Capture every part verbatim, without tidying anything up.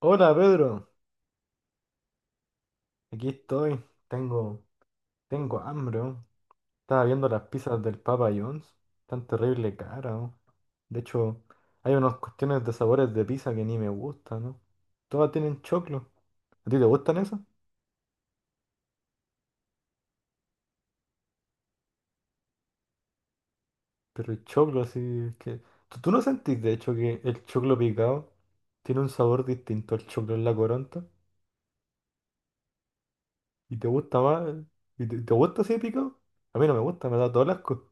Hola Pedro, aquí estoy. Tengo, tengo hambre. Oh. Estaba viendo las pizzas del Papa John's. Tan terrible cara. Oh. De hecho, hay unas cuestiones de sabores de pizza que ni me gustan, ¿no? Todas tienen choclo. ¿A ti te gustan esas? Pero el choclo así es que. ¿Tú, tú no sentís de hecho que el choclo picado tiene un sabor distinto al choclo en la coronta? ¿Y te gusta más? ¿Y te, te gusta así de picado? A mí no me gusta, me da todo el asco.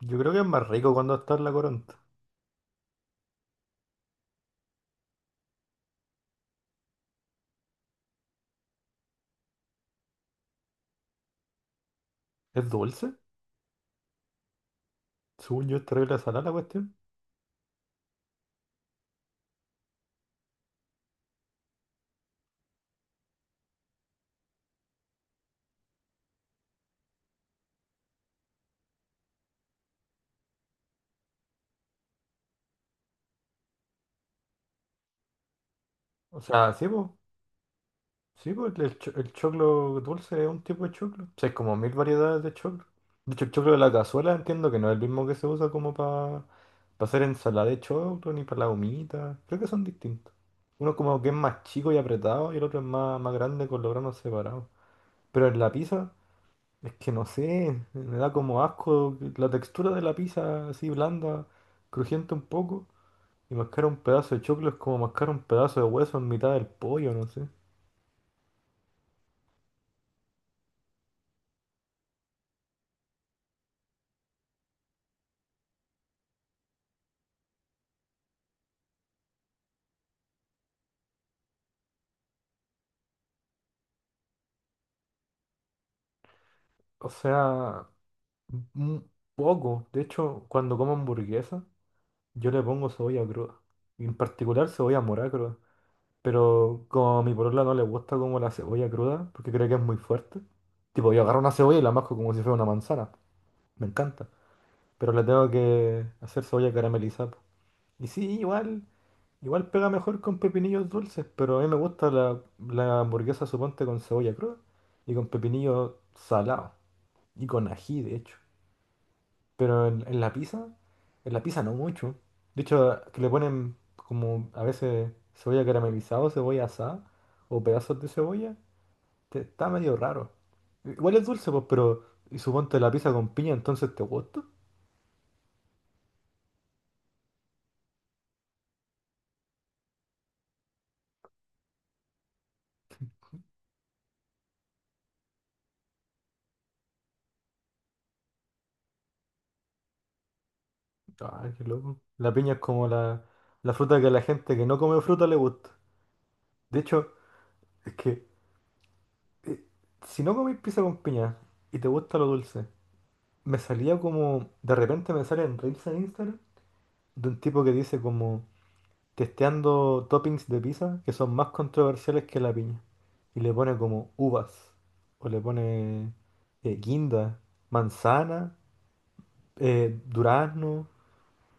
Yo creo que es más rico cuando está en la coronta. ¿Es dulce? Según yo, es terrible sana la cuestión. O sea, sí, pues. Sí, po, el, cho- el choclo dulce es un tipo de choclo. O sea, hay como mil variedades de choclo. De hecho, el choclo de la cazuela entiendo que no es el mismo que se usa como para hacer ensalada de choclo ni para la humita. Creo que son distintos. Uno como que es más chico y apretado y el otro es más, más grande con los granos separados. Pero en la pizza, es que no sé, me da como asco la textura de la pizza así blanda, crujiente un poco. Y mascar un pedazo de choclo es como mascar un pedazo de hueso en mitad del pollo, no sé. O sea, un poco. De hecho, cuando como hamburguesa, yo le pongo cebolla cruda. Y en particular cebolla morada cruda. Pero como a mi polola no le gusta como la cebolla cruda, porque cree que es muy fuerte. Tipo, yo agarro una cebolla y la masco como si fuera una manzana. Me encanta. Pero le tengo que hacer cebolla caramelizada, po. Y sí, igual. Igual pega mejor con pepinillos dulces, pero a mí me gusta la, la hamburguesa, suponte, con cebolla cruda y con pepinillos salados y con ají, de hecho. Pero en, en la pizza, en la pizza no mucho. De hecho, que le ponen como a veces cebolla caramelizada o cebolla asada o pedazos de cebolla, te- está medio raro. Igual es dulce, pues, pero y suponte la pizza con piña, entonces te gusta. Ay, qué loco. La piña es como la, la fruta que a la gente que no come fruta le gusta. De hecho, es que eh, si no comís pizza con piña y te gusta lo dulce, me salía como, de repente me salen reels en Instagram de un tipo que dice como testeando toppings de pizza que son más controversiales que la piña. Y le pone como uvas, o le pone eh, guinda, manzana, eh, durazno.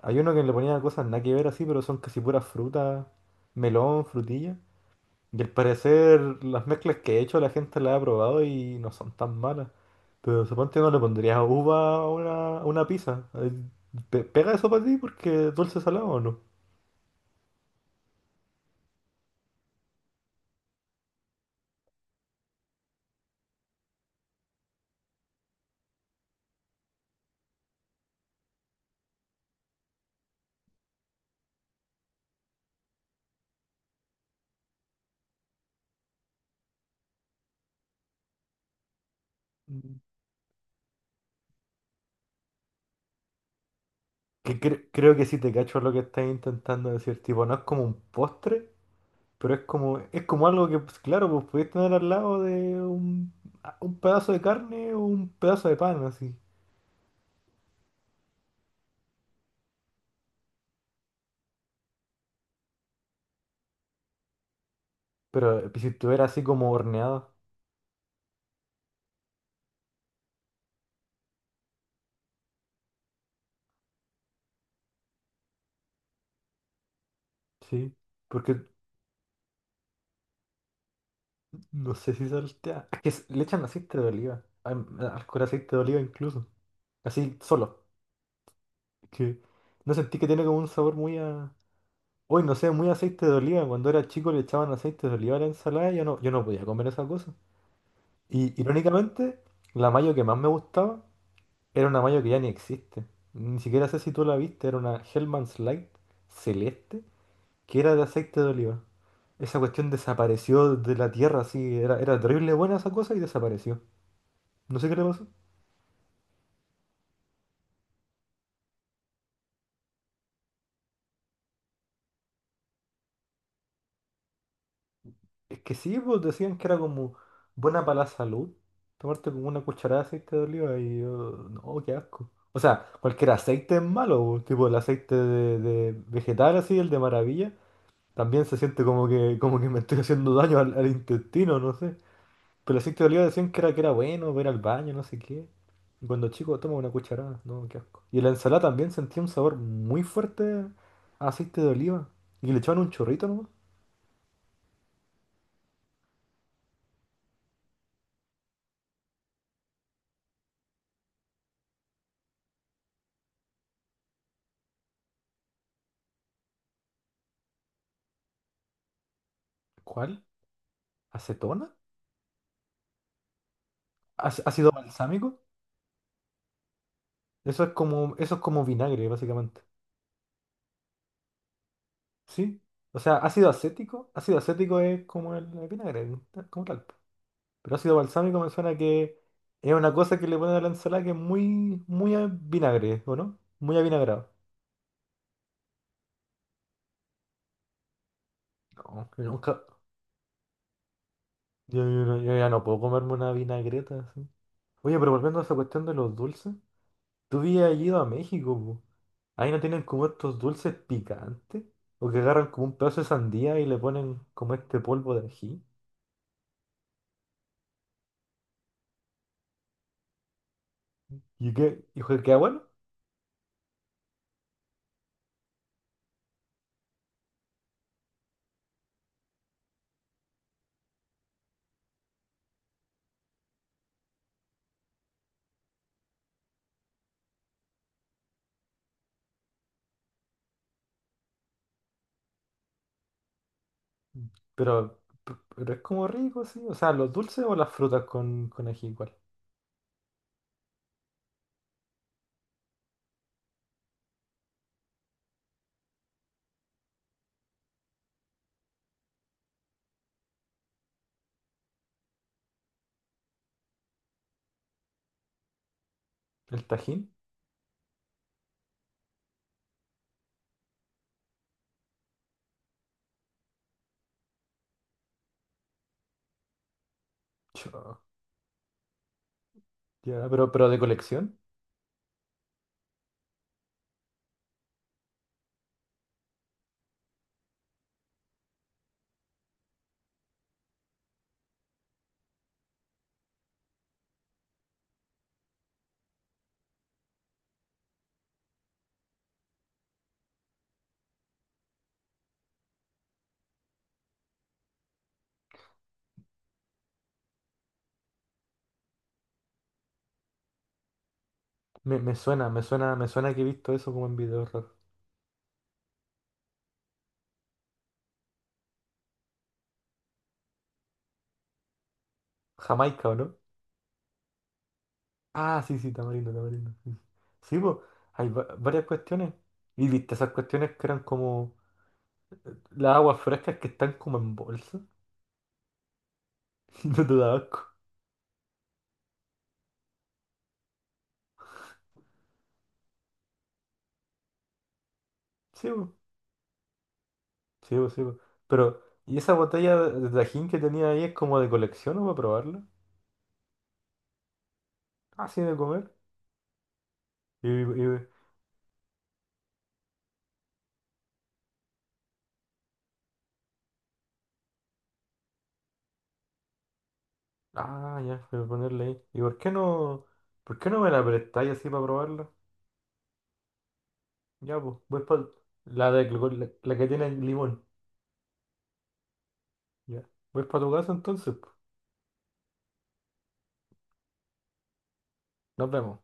Hay uno que le ponía cosas nada que ver así, pero son casi puras frutas, melón, frutilla. Y al parecer las mezclas que he hecho la gente las ha probado y no son tan malas. Pero suponte no le pondrías uva a una, a una pizza. Eh, pe- ¿Pega eso para ti porque es dulce salado o no? Mm. Que cre- creo que sí te cacho lo que estás intentando decir. Tipo, no es como un postre, pero es como, es como algo que, pues, claro, pues podéis tener al lado de un, a- un pedazo de carne o un pedazo de pan, así. Pero eh, si estuviera así como horneado, sí. Porque no sé si saltea. Es que s- le echan aceite de oliva. Al, al- al aceite de oliva incluso. Así solo. Que no sentí que tiene como un sabor muy a... Hoy no sé, muy aceite de oliva. Cuando era chico le echaban aceite de oliva a la ensalada y yo no, yo no podía comer esa cosa. Y irónicamente, la mayo que más me gustaba era una mayo que ya ni existe. Ni siquiera sé si tú la viste, era una Hellman's Light celeste que era de aceite de oliva. Esa cuestión desapareció de la tierra, así, era, era terrible buena esa cosa y desapareció. No sé qué le pasó. Es que sí, pues decían que era como buena para la salud. Tomarte como una cucharada de aceite de oliva y yo, no, qué asco. O sea, cualquier aceite es malo, pues, tipo el aceite de, de vegetal así, el de maravilla, también se siente como que, como que me estoy haciendo daño al, al intestino, no sé. Pero el aceite de oliva decían que era, que era bueno, ver al baño, no sé qué. Y cuando chico toma una cucharada, no, qué asco. Y en la ensalada también sentía un sabor muy fuerte a aceite de oliva. Y le echaban un chorrito nomás. ¿Cuál? ¿Acetona? Ac- ¿Ácido balsámico? Eso es como, eso es como vinagre, básicamente. ¿Sí? O sea, ácido acético. Ácido acético es como el, vinagre, tal- como tal. Pero ácido balsámico me suena que es una cosa que le ponen a la ensalada que es muy, muy a vinagre, ¿o no? Muy avinagrado. No, yo nunca. Yo, yo no- yo ya no puedo comerme una vinagreta así. Oye, pero volviendo a esa cuestión de los dulces, tú habías ido a México, po. Ahí no tienen como estos dulces picantes. O que agarran como un pedazo de sandía y le ponen como este polvo de ají. Y que, y que queda bueno, pero, pero es como rico, sí. O sea, los dulces o las frutas con, con ají igual. El tajín, chao. Ya, pero, pero de colección. Me, me suena, me suena, me suena que he visto eso como en videos raros. Jamaica, ¿o no? Ah, sí, sí, tamarindo, tamarindo. Sí, sí. Sí, po, hay va- varias cuestiones. Y viste esas cuestiones que eran como las aguas frescas que están como en bolsa. No te da asco. Sí, bu, sí, bu, sí, bu. Pero, ¿y esa botella de de Tajín que tenía ahí es como de colección o para probarla? Así de comer. Y, y- ah, ya, voy a ponerle ahí. ¿Y por qué no, por qué no me la prestáis así para probarla? Ya, pues, voy para la de la, la que tiene limón. Ya. Voy para tu casa entonces, pues. Nos vemos.